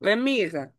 Oi, Amiga,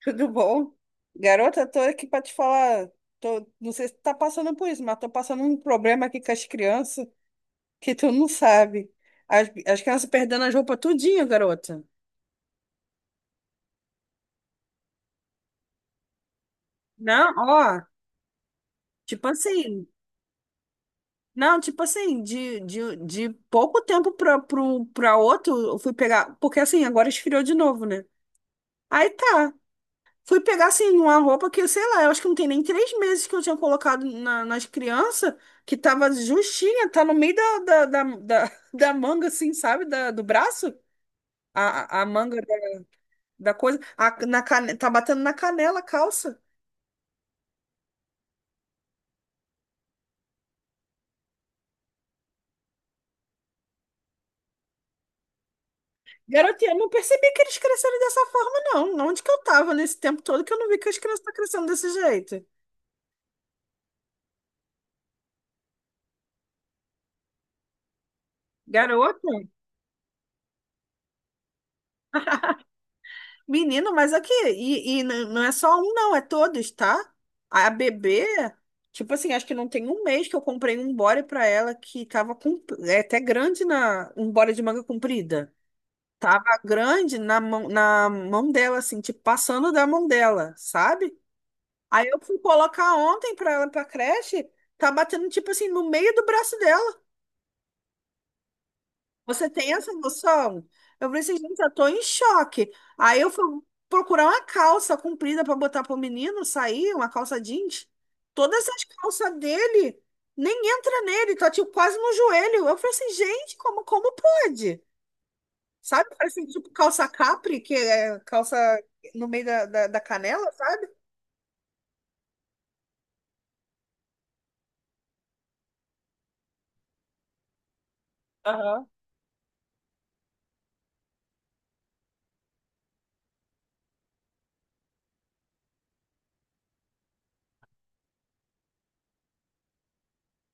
tudo bom? Garota, tô aqui pra te falar. Tô, não sei se tu tá passando por isso, mas tô passando um problema aqui com as crianças que tu não sabe. As crianças perdendo as roupas tudinho, garota. Não, ó, tipo assim. Não, tipo assim, de pouco tempo pra outro, eu fui pegar. Porque assim, agora esfriou de novo, né? Aí tá. Fui pegar, assim, uma roupa que, sei lá, eu acho que não tem nem 3 meses que eu tinha colocado nas crianças, que tava justinha, tá no meio da da manga, assim, sabe? Do braço. A manga da coisa. Tá batendo na canela a calça. Garota, eu não percebi que eles cresceram dessa forma, não. Onde que eu tava nesse tempo todo que eu não vi que as crianças estão crescendo desse jeito? Garota. Menino, mas aqui, não é só um, não, é todos, tá? A bebê, tipo assim, acho que não tem um mês que eu comprei um body pra ela que tava com, é até grande na, um body de manga comprida. Tava grande na mão dela, assim, tipo, passando da mão dela, sabe? Aí eu fui colocar ontem pra ela pra creche, tá batendo, tipo assim, no meio do braço dela. Você tem essa noção? Eu falei assim, gente, eu tô em choque. Aí eu fui procurar uma calça comprida para botar pro menino sair, uma calça jeans. Todas as calças dele nem entra nele, tá tipo quase no joelho. Eu falei assim, gente, como pode? Sabe? Parece tipo calça capri, que é calça no meio da da canela, sabe? Aham,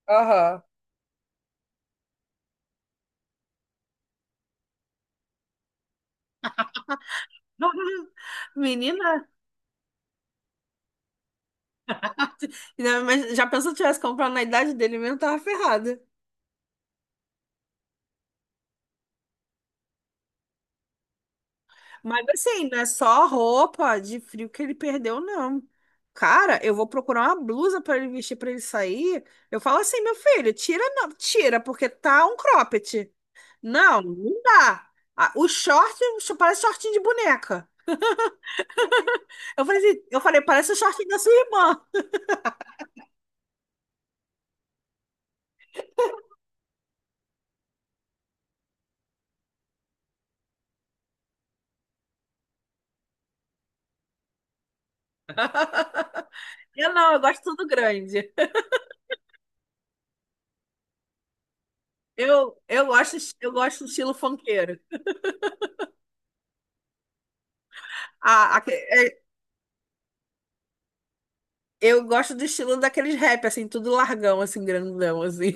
aham. Menina, mas já pensou que eu tivesse comprado na idade dele mesmo, eu tava ferrada. Mas assim, não é só roupa de frio que ele perdeu, não. Cara, eu vou procurar uma blusa pra ele vestir pra ele sair. Eu falo assim, meu filho, tira, não, tira, porque tá um cropped. Não, não dá. Ah, parece shortinho de boneca. Eu falei assim, eu falei, parece o shortinho da sua irmã. Eu não, eu gosto tudo grande. Eu gosto do estilo funkeiro. A, a- é- eu gosto do estilo daqueles rap, assim, tudo largão, assim, grandão, assim.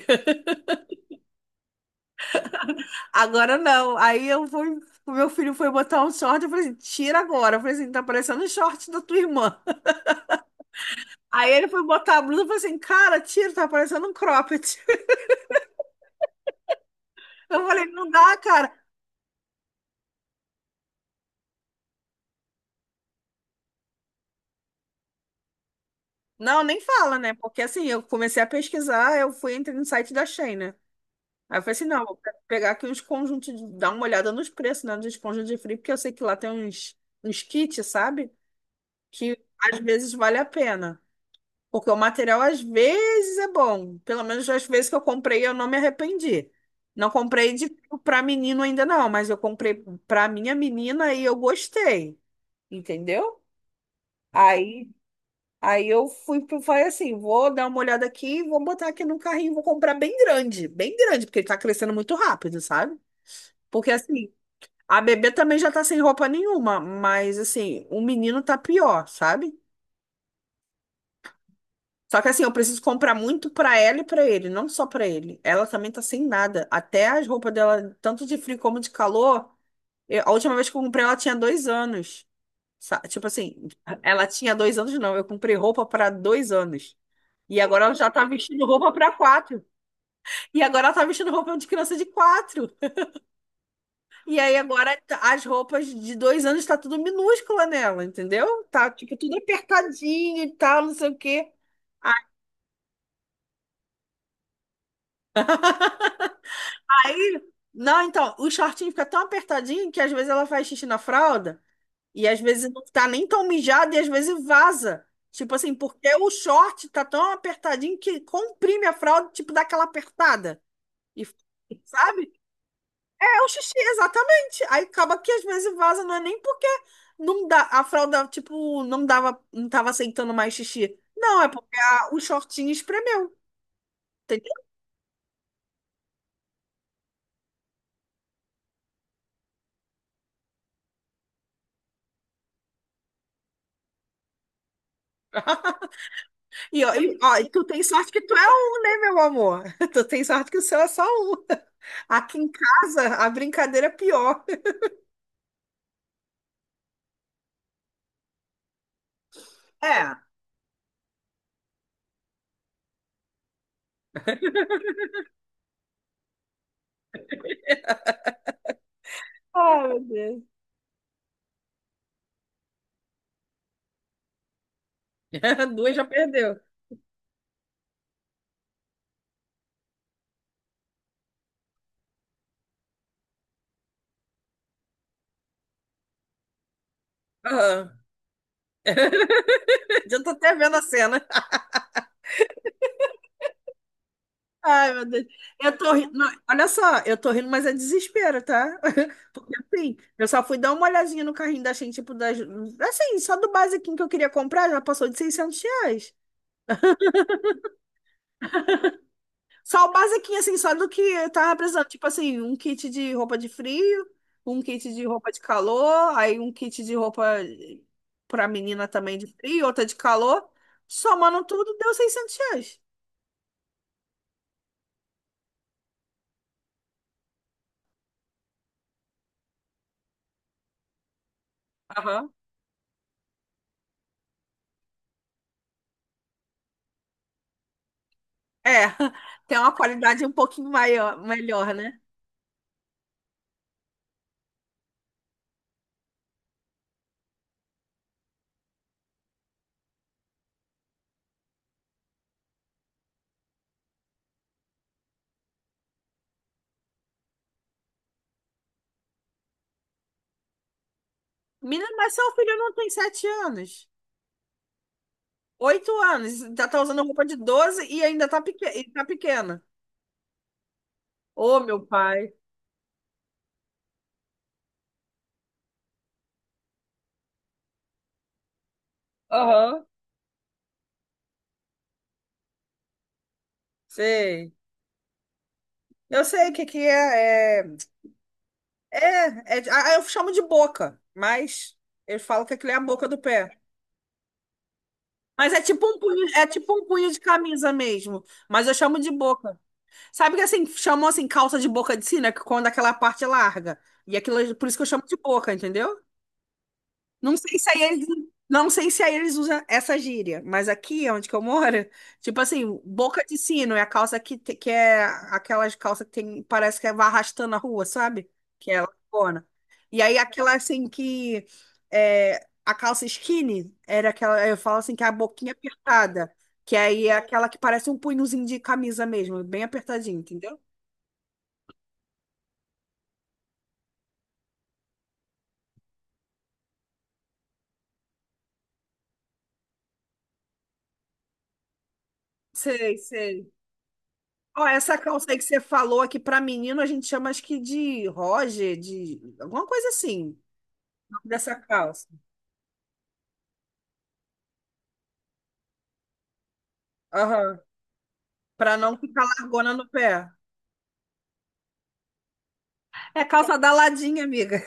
Agora não. Aí eu fui, o meu filho foi botar um short, eu falei assim, tira agora. Eu falei assim, tá parecendo um short da tua irmã. Aí ele foi botar a blusa, eu falei assim, cara, tira, tá parecendo um cropped. Eu falei, não dá, cara. Não, nem fala, né? Porque assim, eu comecei a pesquisar, eu fui entrei no site da Shein, né? Aí eu falei assim, não, vou pegar aqui uns conjuntos, dar uma olhada nos preços, né? Nos conjuntos de frio, porque eu sei que lá tem uns, uns kits, sabe? Que às vezes vale a pena. Porque o material às vezes é bom. Pelo menos as vezes que eu comprei, eu não me arrependi. Não comprei de Para menino ainda não, mas eu comprei para minha menina e eu gostei, entendeu? Aí, aí eu fui falei assim, vou dar uma olhada aqui, e vou botar aqui no carrinho, vou comprar bem grande, porque ele tá crescendo muito rápido, sabe? Porque assim, a bebê também já tá sem roupa nenhuma, mas assim, o menino tá pior, sabe? Só que assim, eu preciso comprar muito pra ela e pra ele, não só pra ele. Ela também tá sem nada. Até as roupas dela, tanto de frio como de calor, a última vez que eu comprei, ela tinha 2 anos. Tipo assim, ela tinha 2 anos, não. Eu comprei roupa pra 2 anos. E agora ela já tá vestindo roupa pra quatro. E agora ela tá vestindo roupa de criança de quatro. E aí agora as roupas de 2 anos tá tudo minúscula nela, entendeu? Tá tipo tudo apertadinho e tal, não sei o quê. Aí, não, então, o shortinho fica tão apertadinho que às vezes ela faz xixi na fralda e às vezes não tá nem tão mijada e às vezes vaza. Tipo assim, porque o short tá tão apertadinho que comprime a fralda, tipo, dá aquela apertada. E, sabe? É o xixi, exatamente. Aí acaba que às vezes vaza, não é nem porque não dá, a fralda, tipo, não dava, não tava aceitando mais xixi. Não, é porque o shortinho espremeu. E, ó, e, ó, e tu tem sorte que tu é um, né, meu amor? Tu tem sorte que o seu é só um. Aqui em casa, a brincadeira é pior. É, ai, meu Deus. Duas já perdeu. Aham. Já tô até vendo a cena. Ai, meu Deus. Eu tô rindo. Não, olha só, eu tô rindo, mas é desespero, tá? Porque assim, eu só fui dar uma olhadinha no carrinho da Shein, tipo, das, assim, só do basiquinho que eu queria comprar, já passou de R$ 600. Só o basiquinho, assim, só do que eu tava precisando. Tipo assim, um kit de roupa de frio, um kit de roupa de calor, aí um kit de roupa pra menina também de frio, outra de calor. Somando tudo, deu R$ 600. Aham. É, tem uma qualidade um pouquinho maior, melhor, né? Menina, mas seu filho não tem 7 anos. 8 anos, já tá usando roupa de 12 e ainda tá, peque e tá pequena. Ô, meu pai. Aham. Sei. Eu sei o que que é. É. Ah, eu chamo de boca, mas eu falo que aquilo é a boca do pé. Mas é tipo um punho, é tipo um punho de camisa mesmo, mas eu chamo de boca. Sabe que assim, chamam assim calça de boca de sina, que quando aquela parte é larga. E aquilo, por isso que eu chamo de boca, entendeu? Não sei se aí eles, não sei se aí eles usam essa gíria, mas aqui onde que eu moro, tipo assim, boca de sino é a calça que, que é aquelas calças que tem, parece que é vai arrastando a rua, sabe? Que é largona. E aí aquela assim que é, a calça skinny era aquela, eu falo assim, que é a boquinha apertada, que aí é aquela que parece um punhozinho de camisa mesmo, bem apertadinho, entendeu? Sei, sei. Ó, essa calça aí que você falou aqui para menino, a gente chama acho que de Roger, de alguma coisa assim, dessa calça. Aham. Para não ficar largona no pé. É calça da ladinha, amiga.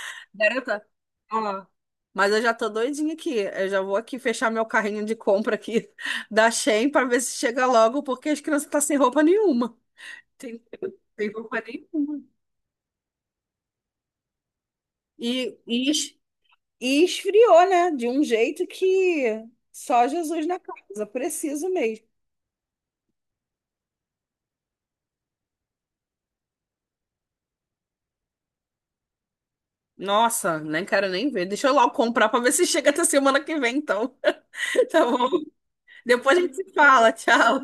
Garota. Ó. Mas eu já tô doidinha aqui. Eu já vou aqui fechar meu carrinho de compra aqui da Shein para ver se chega logo, porque as crianças estão sem roupa nenhuma. Tem, tem roupa nenhuma. E, e, es- e esfriou, né? De um jeito que só Jesus na casa. Preciso mesmo. Nossa, nem quero nem ver. Deixa eu logo comprar pra ver se chega até semana que vem, então. Tá bom? Depois a gente se fala. Tchau.